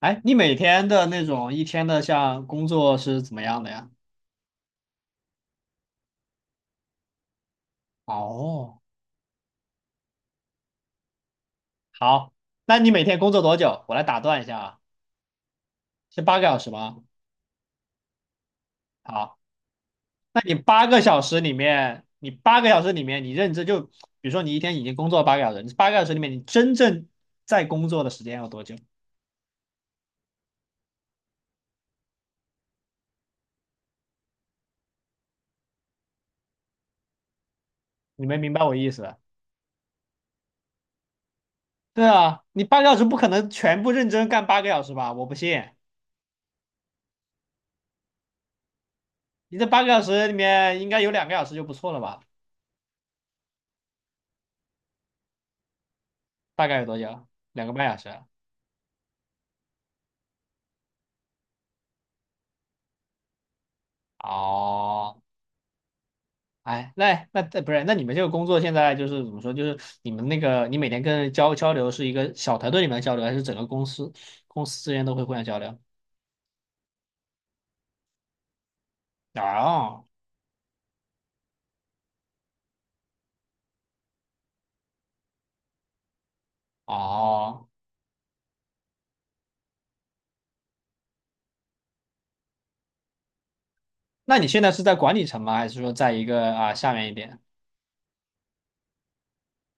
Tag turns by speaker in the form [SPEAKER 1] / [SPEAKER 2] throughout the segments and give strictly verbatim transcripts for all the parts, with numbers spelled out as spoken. [SPEAKER 1] 哎，你每天的那种一天的像工作是怎么样的呀？哦，好，那你每天工作多久？我来打断一下啊，是八个小时吗？好，那你八个小时里面，你八个小时里面，你认真就，比如说你一天已经工作八个小时，你八个小时里面你真正在工作的时间有多久？你没明白我意思吧对啊，你八个小时不可能全部认真干八个小时吧？我不信，你这八个小时里面应该有两个小时就不错了吧？大概有多久？两个半小时啊。哦，哎，那那那不是，那你们这个工作现在就是怎么说？就是你们那个，你每天跟交交流是一个小团队里面的交流，还是整个公司公司之间都会互相交流？哦哦，那你现在是在管理层吗？还是说在一个啊下面一点？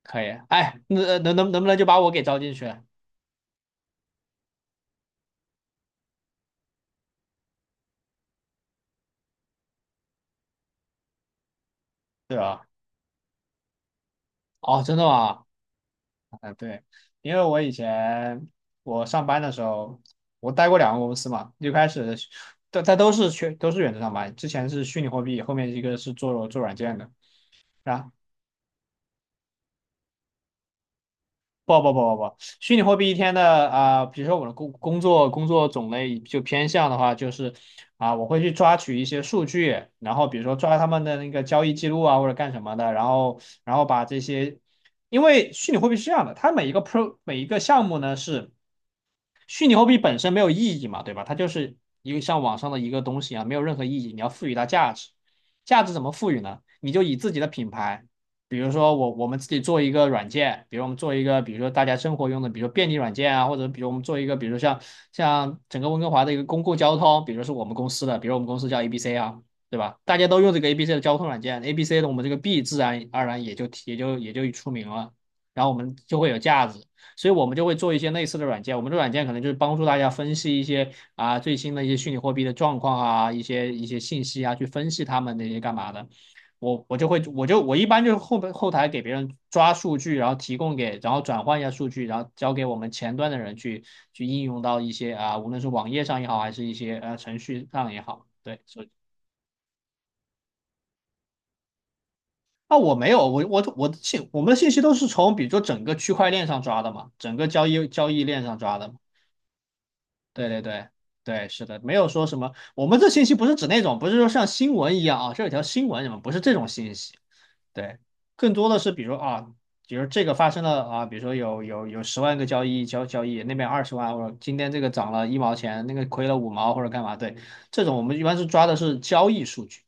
[SPEAKER 1] 可以，哎，那呃能能能不能就把我给招进去？对啊。哦，真的吗？啊，对，因为我以前我上班的时候，我待过两个公司嘛，一开始但但都是全都是远程上班，之前是虚拟货币，后面一个是做做软件的，啊，不不不不不，虚拟货币一天的啊、比如说我的工工作工作种类就偏向的话，就是啊、我会去抓取一些数据，然后比如说抓他们的那个交易记录啊或者干什么的，然后然后把这些，因为虚拟货币是这样的，它每一个 pro 每一个项目呢是。虚拟货币本身没有意义嘛，对吧？它就是一个像网上的一个东西啊，没有任何意义。你要赋予它价值，价值怎么赋予呢？你就以自己的品牌，比如说我我们自己做一个软件，比如我们做一个，比如说大家生活用的，比如说便利软件啊，或者比如我们做一个，比如像像整个温哥华的一个公共交通，比如是我们公司的，比如我们公司叫 A B C 啊。对吧？大家都用这个 A B C 的交通软件，A B C 的我们这个 B 自然而然也就也就也就出名了，然后我们就会有价值。所以我们就会做一些类似的软件。我们的软件可能就是帮助大家分析一些啊最新的一些虚拟货币的状况啊，一些一些信息啊，去分析他们那些干嘛的。我我就会我就我一般就是后后台给别人抓数据，然后提供给，然后转换一下数据，然后交给我们前端的人去去应用到一些啊，无论是网页上也好，还是一些呃程序上也好，对，所以。啊，我没有，我我我的信，我们的信息都是从比如说整个区块链上抓的嘛，整个交易交易链上抓的嘛。对对对对，是的，没有说什么。我们这信息不是指那种，不是说像新闻一样啊，这有条新闻什么，不是这种信息。对，更多的是比如啊，比如这个发生了啊，比如说有有有十万个交易交交易，那边二十万，或者今天这个涨了一毛钱，那个亏了五毛或者干嘛？对，这种我们一般是抓的是交易数据。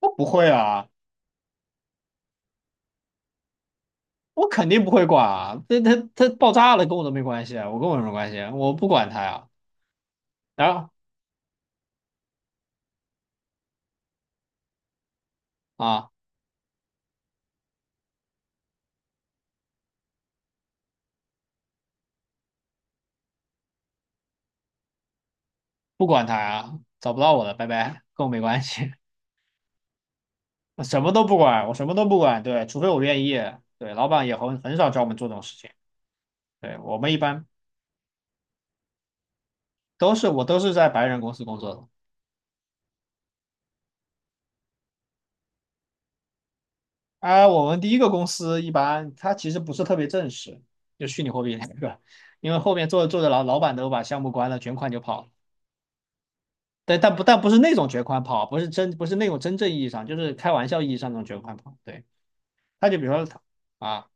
[SPEAKER 1] 我不会啊，我肯定不会管啊，这它它爆炸了跟我都没关系啊，我跟我有什么关系啊？我不管它呀。然后啊。不管他呀，找不到我了，拜拜，跟我没关系，我什么都不管，我什么都不管，对，除非我愿意，对，老板也很很少找我们做这种事情，对，我们一般都是我都是在白人公司工作的，啊，我们第一个公司一般它其实不是特别正式，就虚拟货币那个，因为后面做着做着老老板都把项目关了，卷款就跑了，对，但不但不是那种卷款跑，不是真不是那种真正意义上，就是开玩笑意义上那种卷款跑，对，他就比如说。他啊。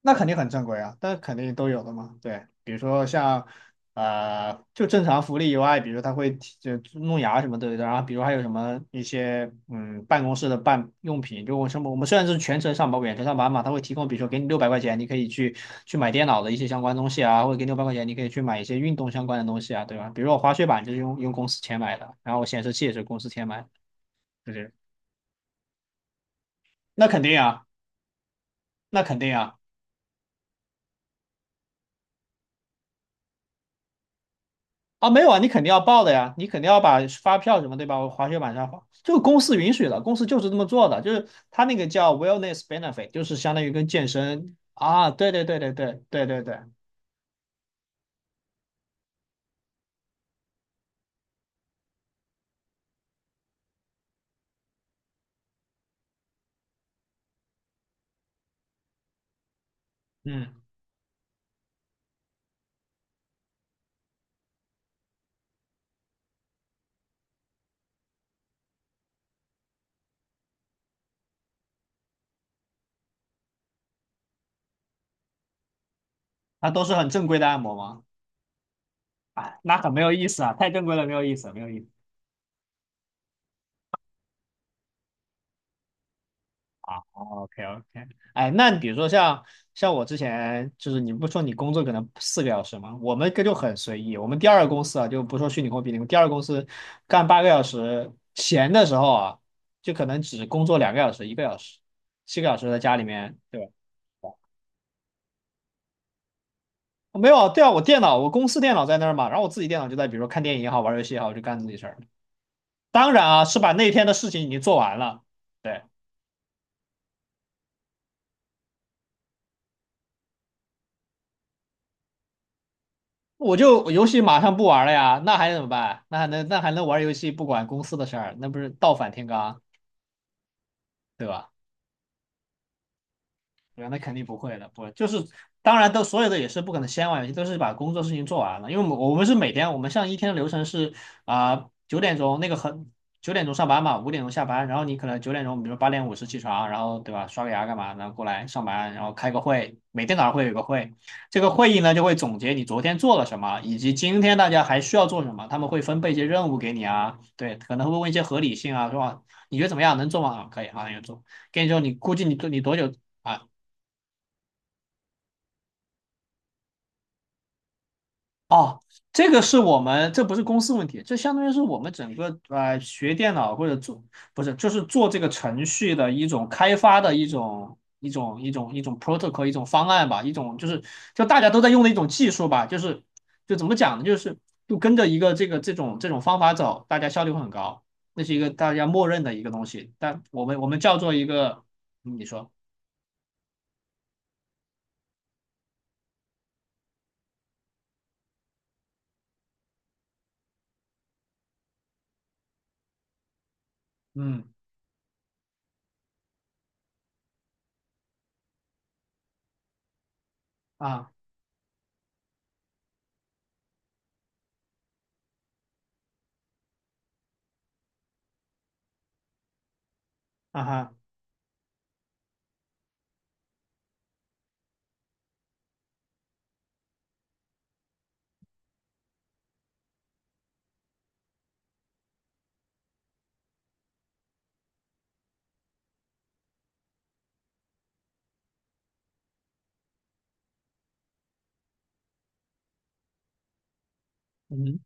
[SPEAKER 1] 那肯定很正规啊，但肯定都有的嘛。对，比如说像呃，就正常福利以外，比如他会提就弄牙什么的，然后比如还有什么一些嗯办公室的办用品，就我什么我们虽然是全程上班远程上班嘛，他会提供，比如说给你六百块钱，你可以去去买电脑的一些相关东西啊，或者给你六百块钱，你可以去买一些运动相关的东西啊，对吧？比如说我滑雪板就是用用公司钱买的，然后我显示器也是公司钱买的，就是那肯定啊，那肯定啊。啊，没有啊，你肯定要报的呀，你肯定要把发票什么，对吧？我滑雪板上滑，这个公司允许的，公司就是这么做的，就是他那个叫 wellness benefit，就是相当于跟健身啊，对对对对对对对对，嗯，那都是很正规的按摩吗？哎，那很没有意思啊，太正规了，没有意思，没有意思。啊，OK OK，哎，那你比如说像像我之前就是你不说你工作可能四个小时吗？我们这就很随意，我们第二个公司啊，就不说虚拟货币那们第二个公司干八个小时，闲的时候啊，就可能只工作两个小时、一个小时，七个小时在家里面，对吧？哦没有啊，对啊，我电脑我公司电脑在那儿嘛，然后我自己电脑就在，比如说看电影也好，玩游戏也好，就干自己事儿。当然啊，是把那天的事情已经做完了。对。我就我游戏马上不玩了呀，那还能怎么办？那还能那还能玩游戏不管公司的事儿，那不是倒反天罡，对吧？对吧？那肯定不会的，不会，就是当然都所有的也是不可能先玩游戏，都是把工作事情做完了。因为我们我们是每天，我们像一天的流程是啊九、点钟那个很九点钟上班嘛，五点钟下班，然后你可能九点钟，比如八点五十起床，然后对吧，刷个牙干嘛，然后过来上班，然后开个会，每天早上会有个会，这个会议呢就会总结你昨天做了什么，以及今天大家还需要做什么，他们会分配一些任务给你啊，对，可能会问一些合理性啊，是吧？你觉得怎么样？能做吗？啊可以，啊，那就做。跟你说，你估计你多你多久？啊，哦，这个是我们，这不是公司问题，这相当于是我们整个呃学电脑或者做，不是，就是做这个程序的一种开发的一种一种一种一种 protocol 一种方案吧，一种就是就大家都在用的一种技术吧，就是就怎么讲呢，就是就跟着一个这个这种这种方法走，大家效率会很高，那是一个大家默认的一个东西，但我们我们叫做一个，你说，嗯啊啊哈，嗯，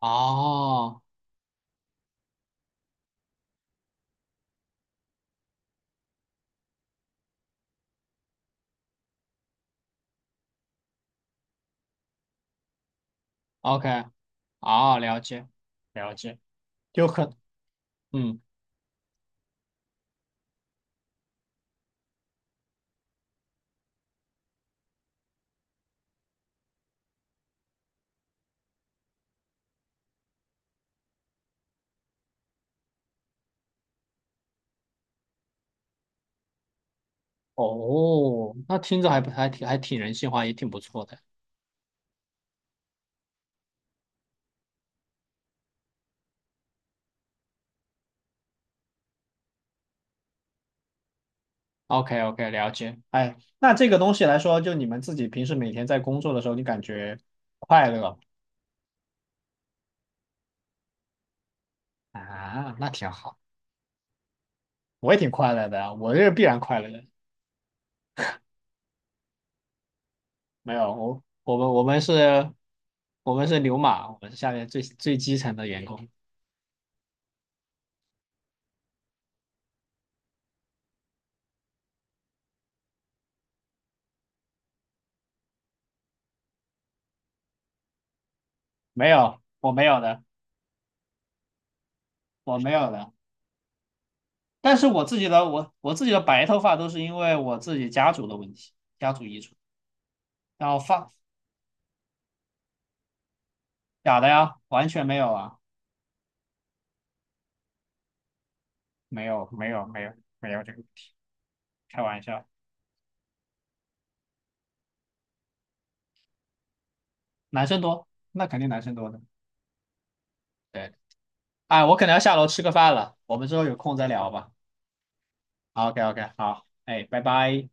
[SPEAKER 1] 哦，OK。啊，了解了解，就很，嗯哦，那听着还不还挺还挺人性化，也挺不错的。OK OK，了解。哎，那这个东西来说，就你们自己平时每天在工作的时候，你感觉快乐吗？啊？那挺好，我也挺快乐的啊，我这是必然快乐的。没有，我我们我们是，我们是牛马，我们是下面最最基层的员工。没有，我没有的，我没有的。但是我自己的我我自己的白头发都是因为我自己家族的问题，家族遗传。然后发假的呀，完全没有啊，没有没有没有没有这个，开玩笑，男生多，那肯定男生多的。对，哎，我可能要下楼吃个饭了，我们之后有空再聊吧。OK OK，好，哎，拜拜。